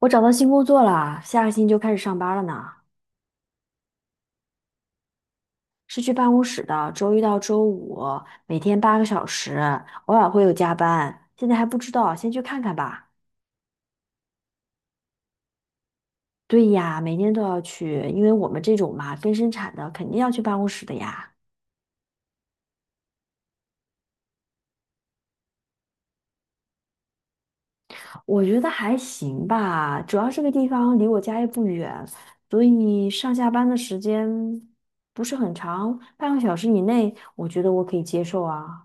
我找到新工作了，下个星期就开始上班了呢。是去办公室的，周一到周五，每天八个小时，偶尔会有加班。现在还不知道，先去看看吧。对呀，每天都要去，因为我们这种嘛，跟生产的肯定要去办公室的呀。我觉得还行吧，主要这个地方离我家也不远，所以上下班的时间不是很长，半个小时以内，我觉得我可以接受啊。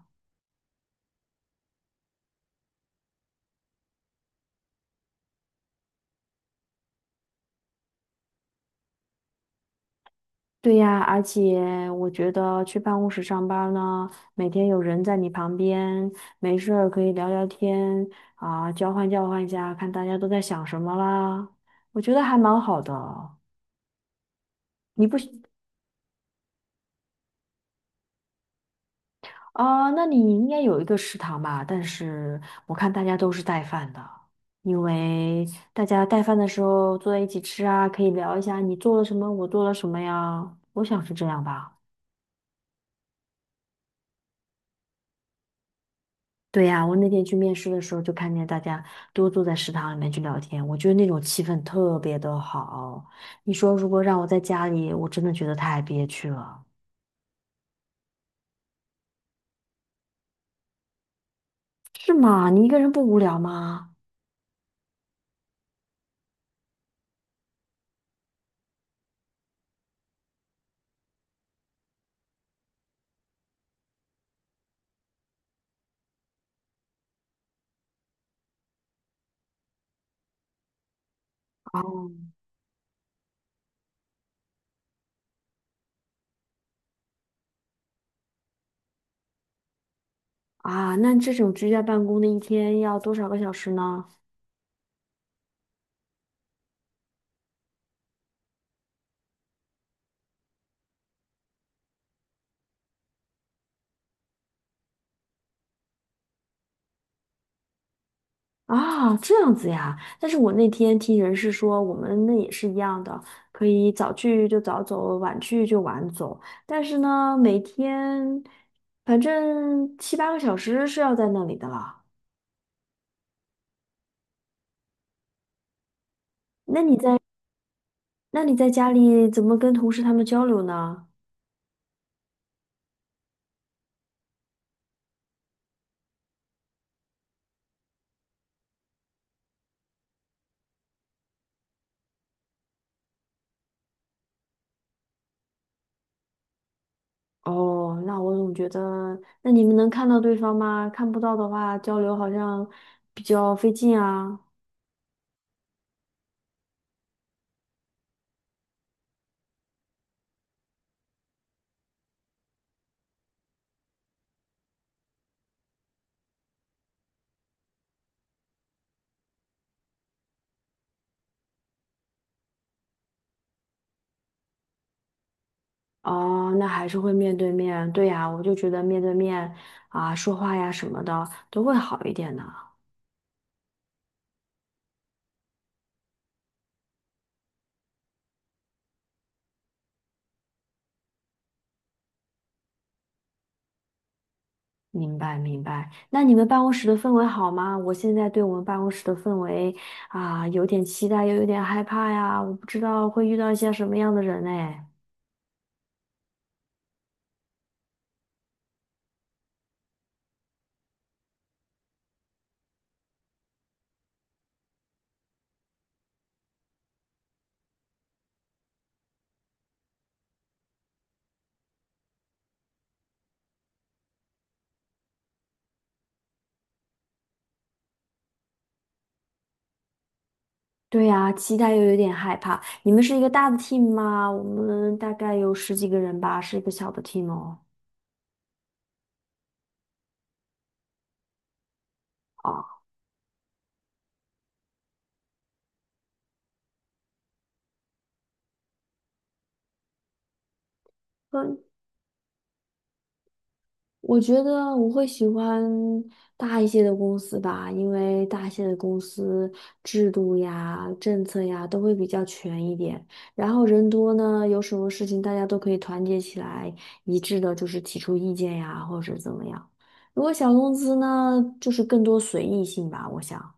对呀，而且我觉得去办公室上班儿呢，每天有人在你旁边，没事儿可以聊聊天啊，交换交换一下，看大家都在想什么啦。我觉得还蛮好的。你不喜啊？那你应该有一个食堂吧？但是我看大家都是带饭的，因为大家带饭的时候坐在一起吃啊，可以聊一下你做了什么，我做了什么呀。我想是这样吧。对呀，我那天去面试的时候，就看见大家都坐在食堂里面去聊天，我觉得那种气氛特别的好。你说如果让我在家里，我真的觉得太憋屈了，是吗？你一个人不无聊吗？哦啊，那这种居家办公的一天要多少个小时呢？啊，这样子呀。但是我那天听人事说，我们那也是一样的，可以早去就早走，晚去就晚走。但是呢，每天反正七八个小时是要在那里的了。那你在那你在家里怎么跟同事他们交流呢？哦，那我总觉得，那你们能看到对方吗？看不到的话，交流好像比较费劲啊。哦，那还是会面对面，对呀，我就觉得面对面啊，说话呀什么的都会好一点呢。明白，明白。那你们办公室的氛围好吗？我现在对我们办公室的氛围啊，有点期待，又有点害怕呀。我不知道会遇到一些什么样的人哎。对呀，期待又有点害怕。你们是一个大的 team 吗？我们大概有十几个人吧，是一个小的 team 哦。哦。呃我觉得我会喜欢大一些的公司吧，因为大一些的公司制度呀、政策呀都会比较全一点。然后人多呢，有什么事情大家都可以团结起来，一致的就是提出意见呀，或者怎么样。如果小公司呢，就是更多随意性吧，我想。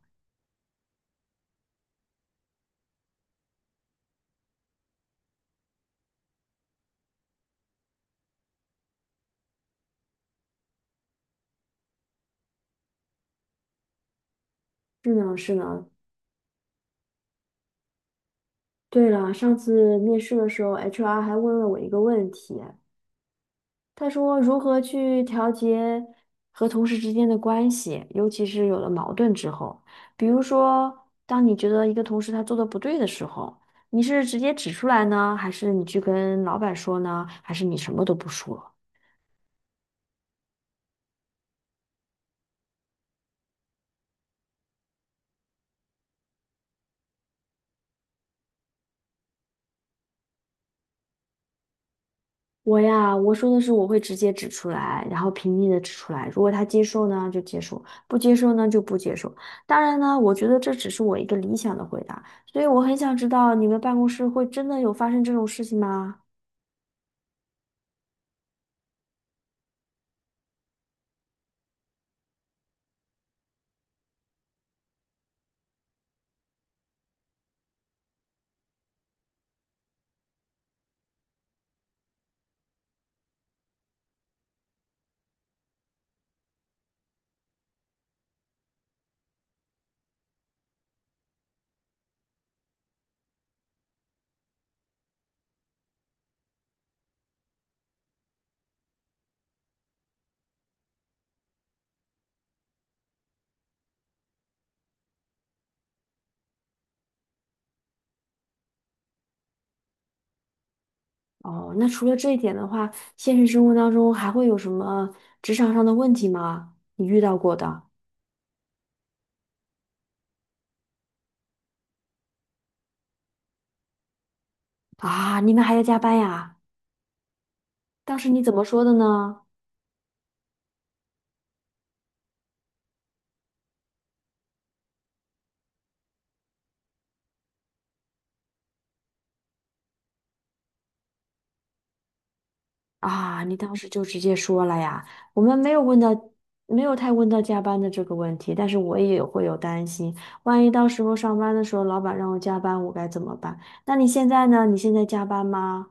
是呢，是呢。对了，上次面试的时候，HR 还问了我一个问题，他说如何去调节和同事之间的关系，尤其是有了矛盾之后，比如说，当你觉得一个同事他做的不对的时候，你是直接指出来呢，还是你去跟老板说呢，还是你什么都不说？我呀，我说的是我会直接指出来，然后平静的指出来。如果他接受呢，就接受；不接受呢，就不接受。当然呢，我觉得这只是我一个理想的回答，所以我很想知道你们办公室会真的有发生这种事情吗？哦，那除了这一点的话，现实生活当中还会有什么职场上的问题吗？你遇到过的啊？你们还要加班呀？当时你怎么说的呢？啊，你当时就直接说了呀？我们没有问到，没有太问到加班的这个问题，但是我也会有担心，万一到时候上班的时候老板让我加班，我该怎么办？那你现在呢？你现在加班吗？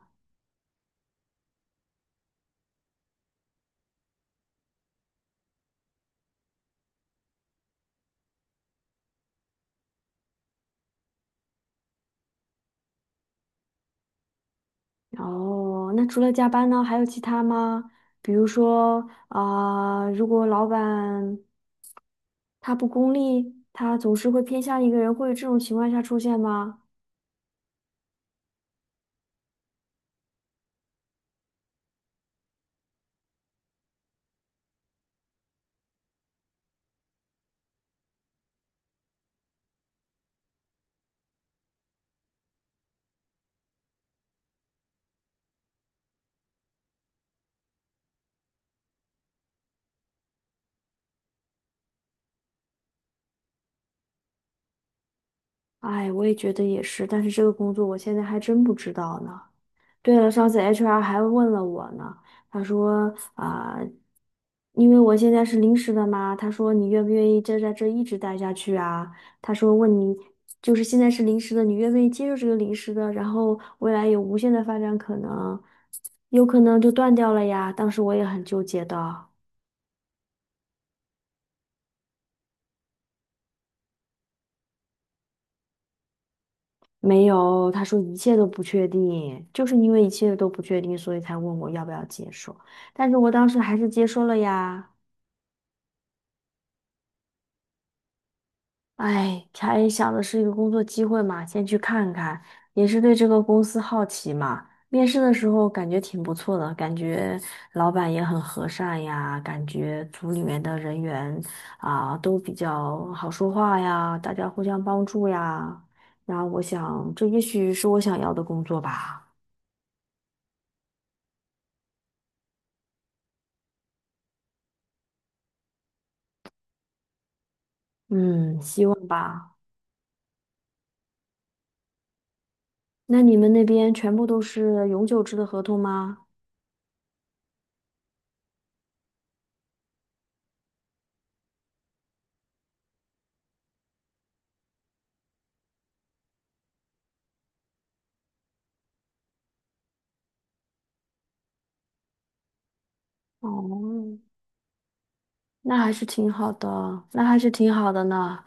哦，那除了加班呢，还有其他吗？比如说啊、如果老板他不功利，他总是会偏向一个人，会有这种情况下出现吗？哎，我也觉得也是，但是这个工作我现在还真不知道呢。对了，上次 HR 还问了我呢，他说啊、因为我现在是临时的嘛，他说你愿不愿意就在这一直待下去啊？他说问你，就是现在是临时的，你愿不愿意接受这个临时的，然后未来有无限的发展可能，有可能就断掉了呀。当时我也很纠结的。没有，他说一切都不确定，就是因为一切都不确定，所以才问我要不要接受。但是我当时还是接受了呀。哎，才想的是一个工作机会嘛，先去看看，也是对这个公司好奇嘛。面试的时候感觉挺不错的，感觉老板也很和善呀，感觉组里面的人员啊都比较好说话呀，大家互相帮助呀。然后我想，这也许是我想要的工作吧。嗯，希望吧。那你们那边全部都是永久制的合同吗？哦，那还是挺好的，那还是挺好的呢。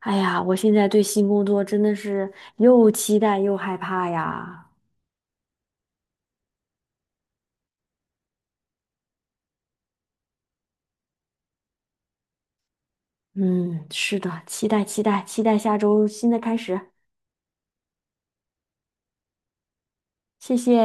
哎呀，我现在对新工作真的是又期待又害怕呀。嗯，是的，期待期待期待下周新的开始。谢谢。